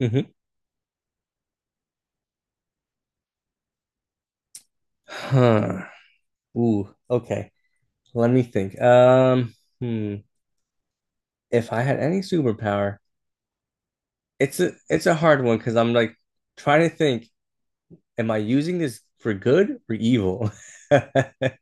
hmm Huh. Ooh, okay. Let me think. Hmm. If I had any superpower, it's a hard one because I'm like trying to think, am I using this for good or evil? I,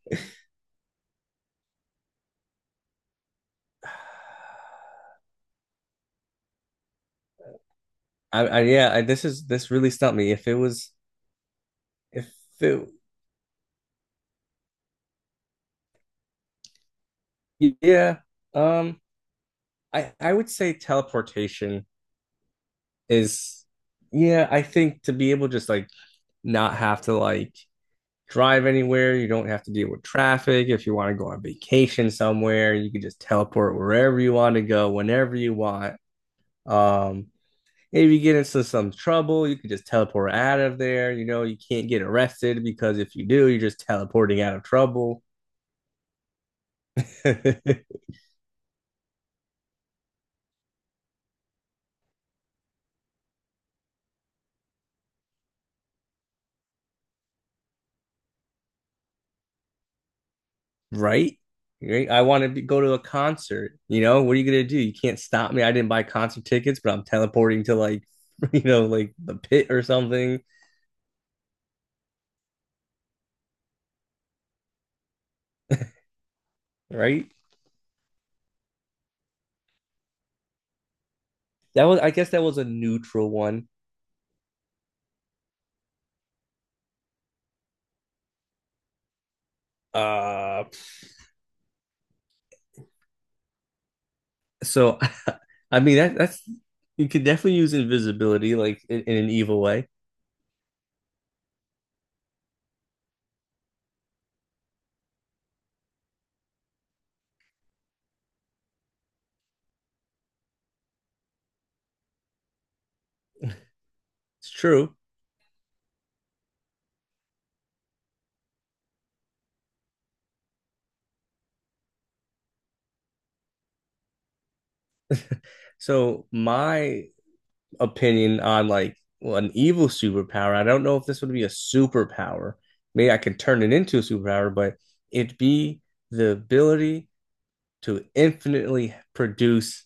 I yeah, this is this really stumped me. If it was if it yeah, um, I would say teleportation is yeah, I think to be able to just like not have to like drive anywhere. You don't have to deal with traffic. If you want to go on vacation somewhere, you can just teleport wherever you want to go, whenever you want. Um, if you get into some trouble, you can just teleport out of there. You know, you can't get arrested because if you do, you're just teleporting out of trouble. Right? Right? I want to be, go to a concert. You know, what are you gonna do? You can't stop me. I didn't buy concert tickets, but I'm teleporting to like, you know, like the pit or something, right? That was, I guess, that was a neutral one. Uh, so I mean that's you could definitely use invisibility like in an evil way. It's true. So my opinion on like well, an evil superpower, I don't know if this would be a superpower. Maybe I could turn it into a superpower, but it'd be the ability to infinitely produce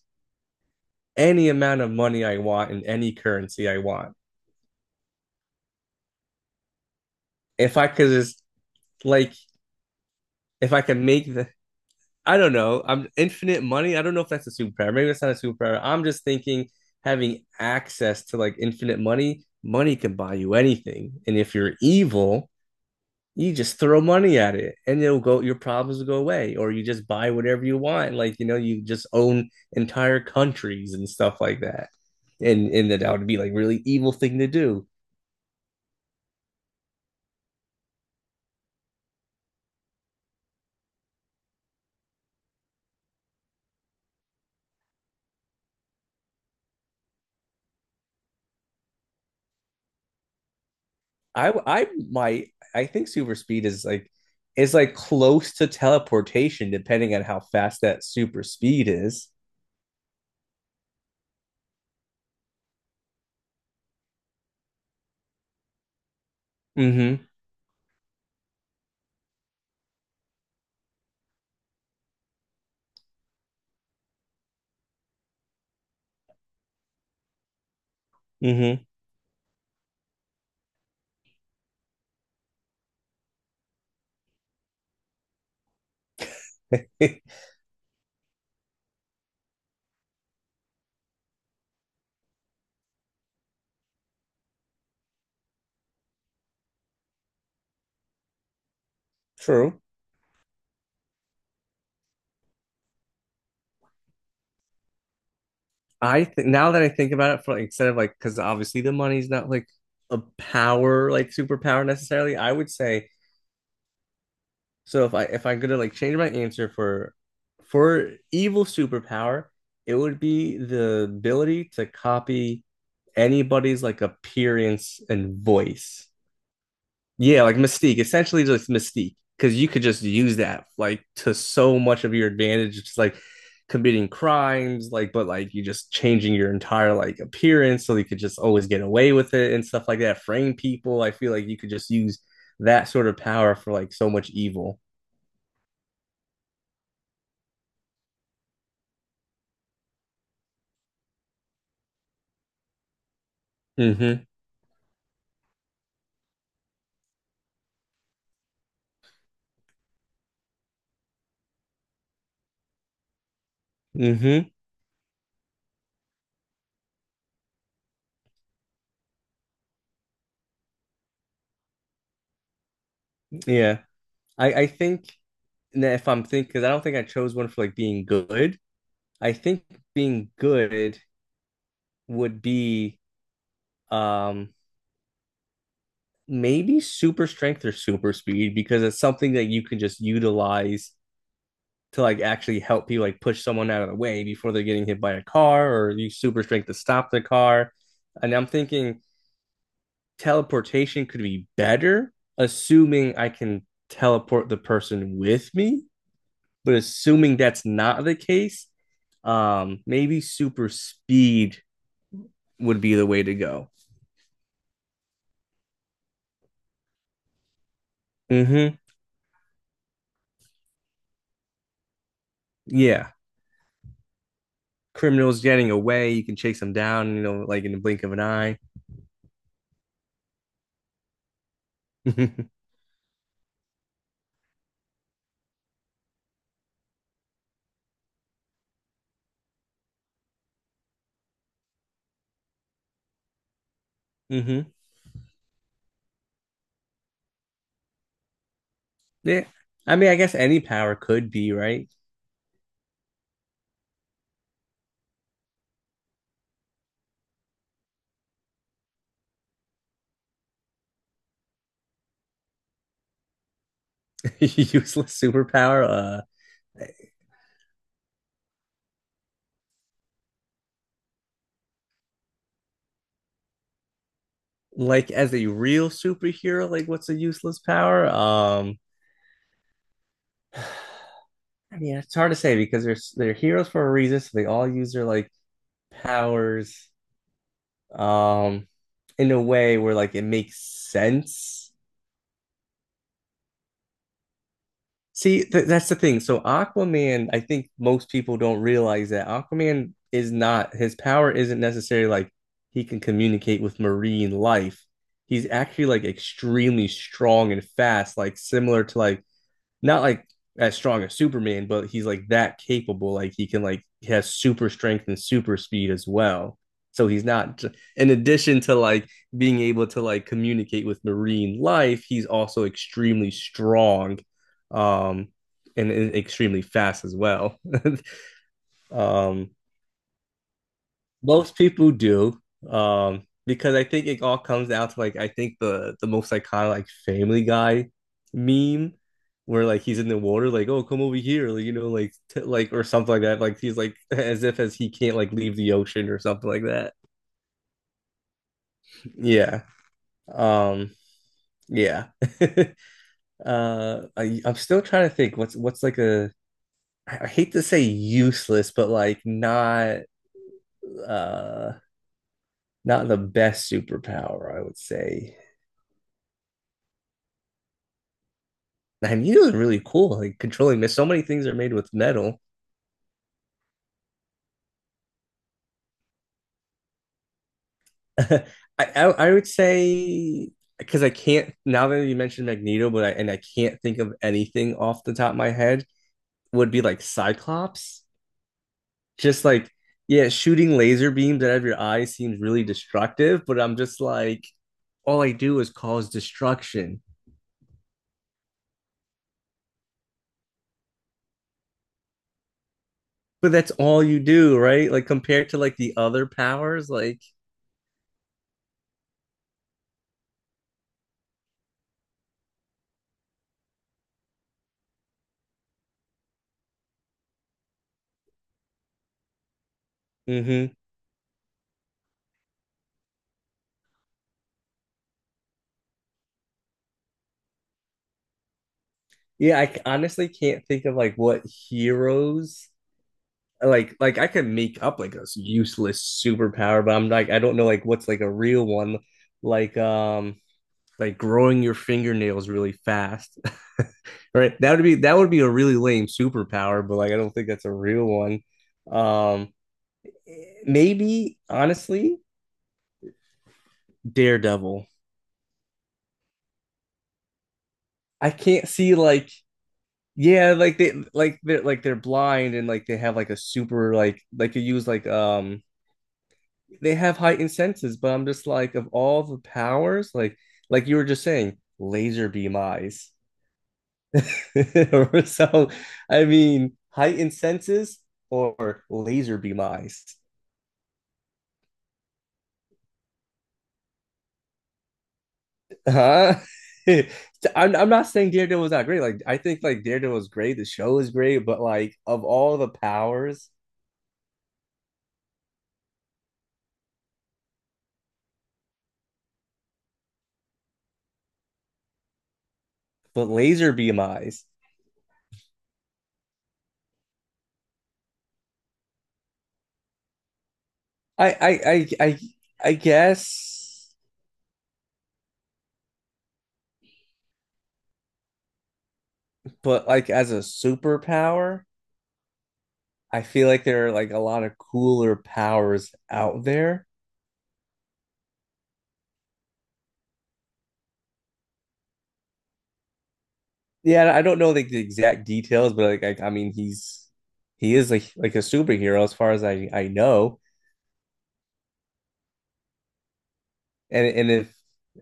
any amount of money I want in any currency I want. If I could just like if I could make the I don't know. I'm infinite money. I don't know if that's a superpower. Maybe that's not a superpower. I'm just thinking having access to like infinite money, money can buy you anything. And if you're evil, you just throw money at it and it'll go, your problems will go away. Or you just buy whatever you want. Like, you know, you just own entire countries and stuff like that. And that would be like really evil thing to do. I think super speed is like close to teleportation, depending on how fast that super speed is. Mm-hmm. Mm-hmm. True. I think now that I think about it, for like, instead of like, because obviously the money's not like a power, like superpower necessarily. I would say so. If I'm gonna like change my answer for evil superpower, it would be the ability to copy anybody's like appearance and voice. Yeah, like Mystique, essentially just Mystique, because you could just use that like to so much of your advantage. It's like committing crimes, like but like you just changing your entire like appearance so you could just always get away with it and stuff like that. Frame people, I feel like you could just use that sort of power for like so much evil. Mm-hmm. Mm-hmm. Yeah, I think that if I'm thinking, because I don't think I chose one for like being good. I think being good would be um maybe super strength or super speed because it's something that you can just utilize to like actually help you like push someone out of the way before they're getting hit by a car or use super strength to stop the car. And I'm thinking teleportation could be better, assuming I can teleport the person with me. But assuming that's not the case, maybe super speed would be the way to go. Mm-hmm. Yeah. Criminals getting away, you can chase them down, you know, like in the blink of an eye. Mm-hmm. hmm Yeah. I mean, I guess any power could be, right? Useless superpower. Uh, like as a real superhero, like what's a useless power? I mean, it's hard to say because they're heroes for a reason, so they all use their like powers, um, in a way where like it makes sense. See, th that's the thing. So Aquaman, I think most people don't realize that Aquaman is not his power isn't necessarily like he can communicate with marine life. He's actually like extremely strong and fast, like similar to like not like as strong as Superman, but he's like that capable. Like he can like he has super strength and super speed as well. So he's not in addition to like being able to like communicate with marine life, he's also extremely strong um and extremely fast as well. um most people do, because I think it all comes down to like I think the most iconic like Family Guy meme where like he's in the water like oh come over here like, you know like t like or something like that like he's like as if as he can't like leave the ocean or something like that. Yeah. Um yeah. I'm still trying to think what's like a I hate to say useless but like not uh not the best superpower I would say. I needle is really cool. Like controlling mist. So many things are made with metal. I, I would say because I can't now that you mentioned Magneto, but I and I can't think of anything off the top of my head would be like Cyclops. Just like yeah, shooting laser beams out of your eyes seems really destructive, but I'm just like all I do is cause destruction. But that's all you do, right? Like compared to like the other powers, like mm-hmm. Yeah, I honestly can't think of like what heroes like I can make up like a useless superpower, but I'm like I don't know like what's like a real one, like um like growing your fingernails really fast, right? That would be a really lame superpower, but like I don't think that's a real one. Um, Maybe honestly, Daredevil. I can't see like yeah like they like they're blind and like they have like a super like you use like they have heightened senses, but I'm just like of all the powers, like you were just saying, laser beam eyes. So I mean, heightened senses or laser beam eyes. Huh? I'm not saying Daredevil was not great. Like I think like Daredevil was great, the show is great, but like of all the powers, but laser beam eyes. I I I I, I guess, but like as a superpower, I feel like there are like a lot of cooler powers out there. Yeah, I don't know like the exact details, but like I mean, he's he is like a superhero as far as I know. And and if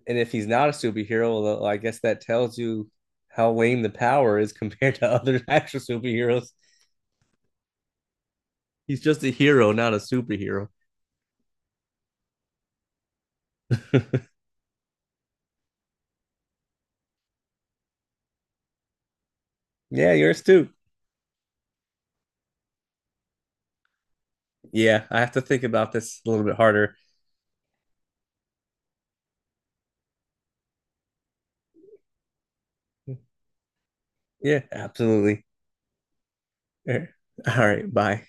and if he's not a superhero, well, well, I guess that tells you how lame the power is compared to other actual superheroes. He's just a hero, not a superhero. Yeah, you're astute. Yeah, I have to think about this a little bit harder. Yeah, absolutely. All right, bye.